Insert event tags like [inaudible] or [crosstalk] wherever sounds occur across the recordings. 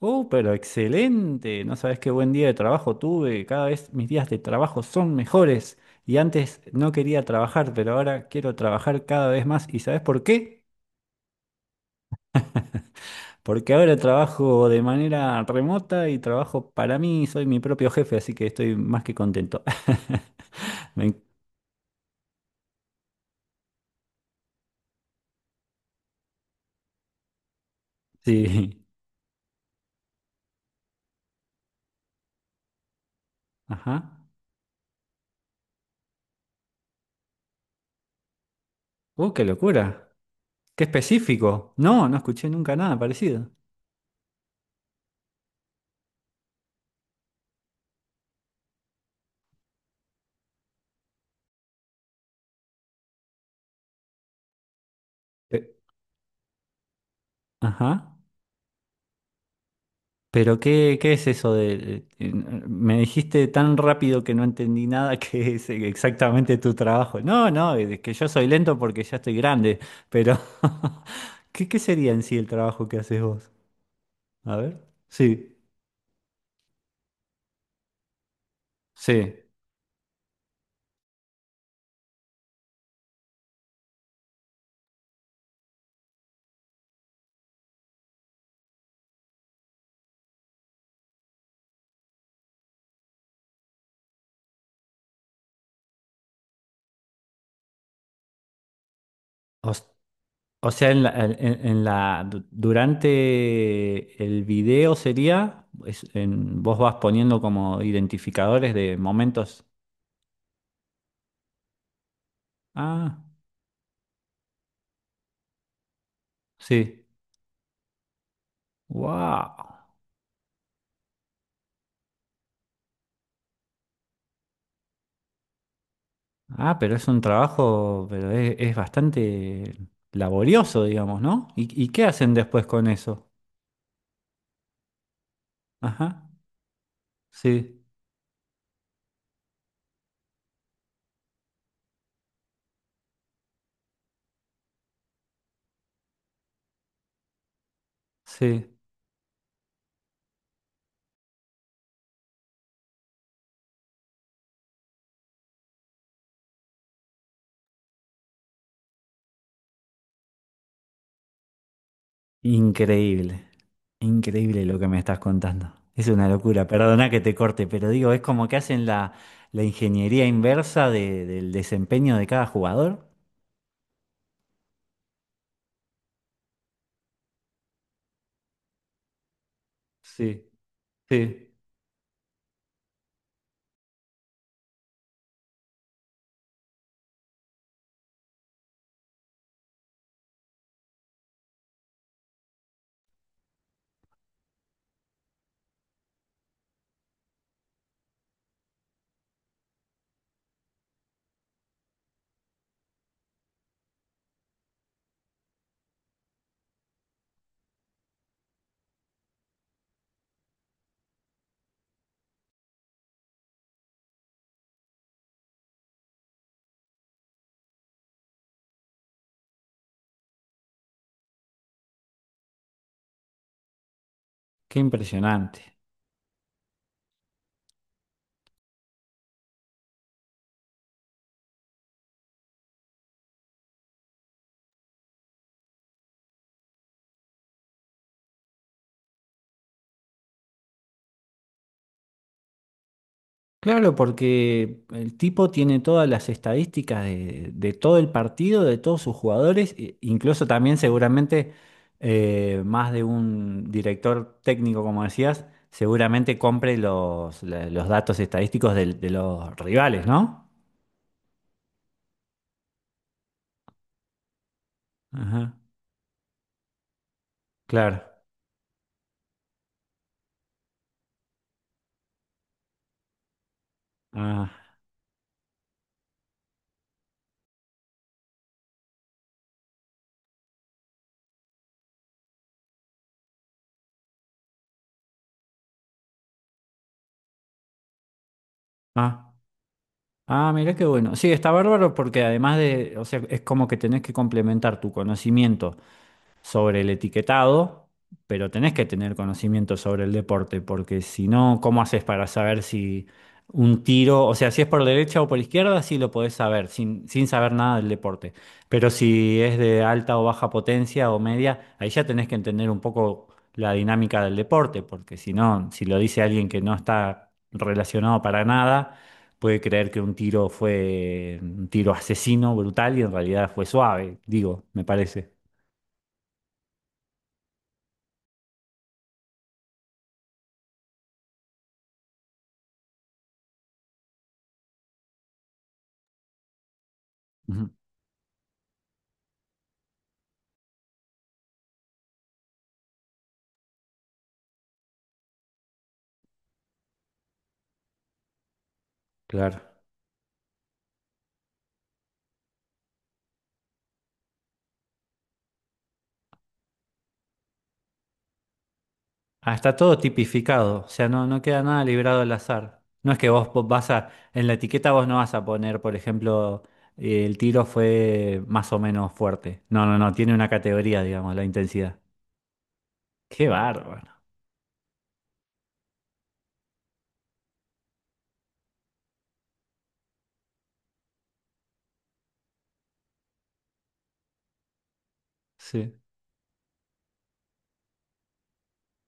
Oh, pero excelente. No sabes qué buen día de trabajo tuve. Cada vez mis días de trabajo son mejores. Y antes no quería trabajar, pero ahora quiero trabajar cada vez más. ¿Y sabes por qué? Porque ahora trabajo de manera remota y trabajo para mí. Soy mi propio jefe, así que estoy más que contento. [laughs] Me en- Sí. Ajá. Qué locura. Qué específico. No, no escuché nunca nada parecido. Eh, Ajá. Pero ¿qué es eso de... me dijiste tan rápido que no entendí nada [laughs] que es exactamente tu trabajo. No, no, es que yo soy lento porque ya estoy grande, pero [laughs] ¿qué sería en sí el trabajo que haces vos? A ver. Sí, sí. O, s- o sea, en la- du- Durante el video sería, vos vas poniendo como identificadores de momentos. Ah, sí. Wow. Ah, pero es un trabajo, pero es bastante laborioso, digamos, ¿no? Y qué hacen después con eso? Ajá, sí, sí. Increíble, increíble lo que me estás contando. Es una locura, perdona que te corte, pero digo, es como que hacen la ingeniería inversa del desempeño de cada jugador. Sí, sí. Qué impresionante. Claro, porque el tipo tiene todas las estadísticas de todo el partido, de todos sus jugadores, incluso también seguramente más de un director técnico, como decías, seguramente compre los datos estadísticos los rivales, ¿no? Ajá, claro. Ah, ah, ah, mirá qué bueno. Sí, está bárbaro porque además de, o sea, es como que tenés que complementar tu conocimiento sobre el etiquetado, pero tenés que tener conocimiento sobre el deporte, porque si no, ¿cómo haces para saber si un tiro, o sea, si es por derecha o por izquierda, sí lo podés saber, sin saber nada del deporte? Pero si es de alta o baja potencia o media, ahí ya tenés que entender un poco la dinámica del deporte, porque si no, si lo dice alguien que no está relacionado para nada, puede creer que un tiro fue un tiro asesino, brutal, y en realidad fue suave, digo, me parece. Claro. Ah, está todo tipificado, o sea, no queda nada librado al azar. No es que vas a, en la etiqueta vos no vas a poner, por ejemplo, el tiro fue más o menos fuerte. No, tiene una categoría, digamos, la intensidad. Qué bárbaro. Sí.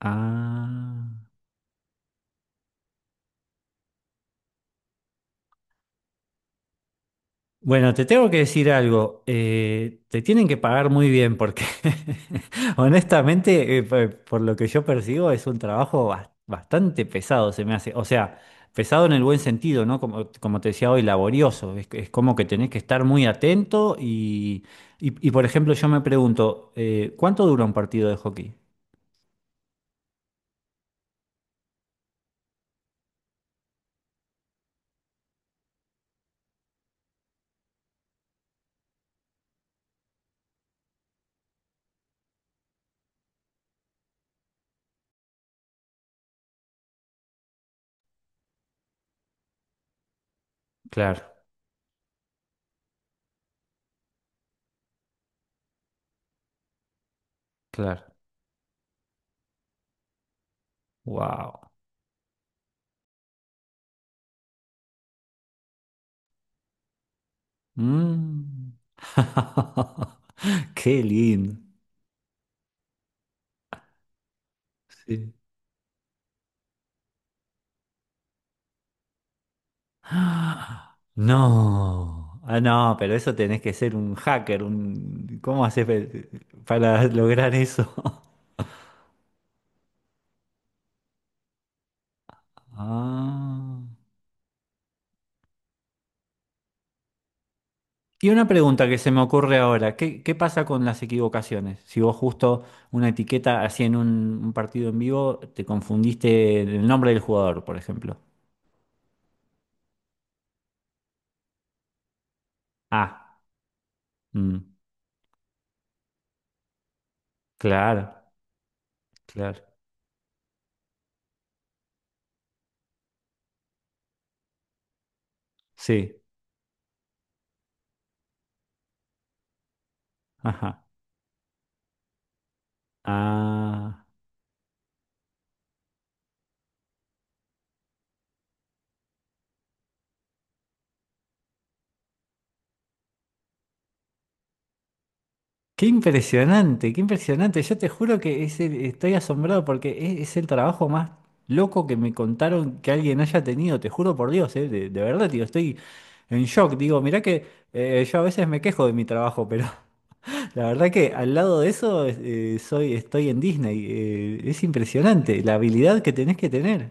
Ah. Bueno, te tengo que decir algo. Te tienen que pagar muy bien porque [laughs] honestamente, por lo que yo percibo, es un trabajo bastante pesado, se me hace. O sea, pesado en el buen sentido, ¿no? Como, como te decía hoy, laborioso. Es como que tenés que estar muy atento y, por ejemplo, yo me pregunto, ¿cuánto dura un partido de hockey? Claro, claro. Wow. Mm. [laughs] Qué lindo. Sí. ¡Ah! No, ah, no, pero eso tenés que ser un hacker, un... ¿Cómo para lograr eso? [laughs] Ah. Y una pregunta que se me ocurre ahora, ¿qué pasa con las equivocaciones? Si vos justo una etiqueta así en un partido en vivo, te confundiste en el nombre del jugador, por ejemplo. Ah, mm, claro, claro, sí, ajá, ah. Qué impresionante, qué impresionante. Yo te juro que estoy asombrado porque es el trabajo más loco que me contaron que alguien haya tenido. Te juro por Dios, de verdad, digo, estoy en shock. Digo, mirá que yo a veces me quejo de mi trabajo, pero [laughs] la verdad que al lado de eso estoy en Disney. Es impresionante la habilidad que tenés que tener.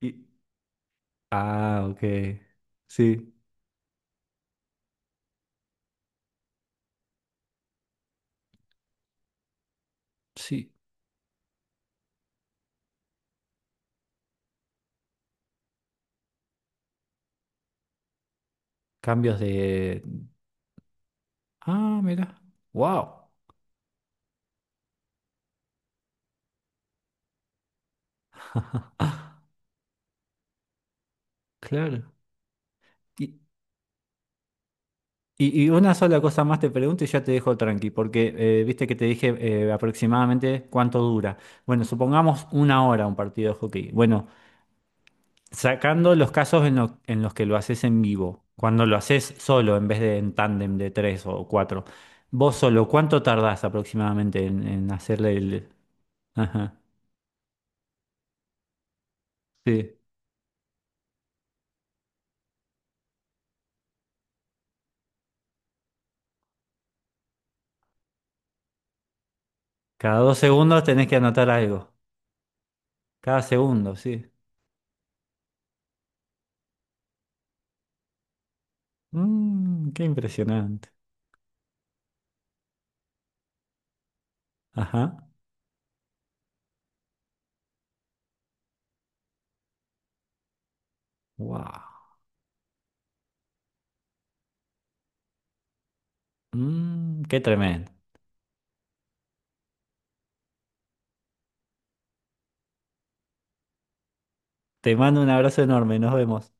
Y- ah, ok. Sí, sí. Cambios de... Ah, mira, wow, claro. Y una sola cosa más te pregunto y ya te dejo tranqui, porque viste que te dije aproximadamente cuánto dura. Bueno, supongamos una hora un partido de hockey. Bueno, sacando los casos en los que lo haces en vivo, cuando lo haces solo en vez de en tándem de tres o cuatro, vos solo, ¿cuánto tardás aproximadamente en hacerle el... Ajá, sí. Cada 2 segundos tenés que anotar algo. Cada segundo, sí. Mmm, qué impresionante. Ajá. Wow. Mmm, qué tremendo. Te mando un abrazo enorme, nos vemos.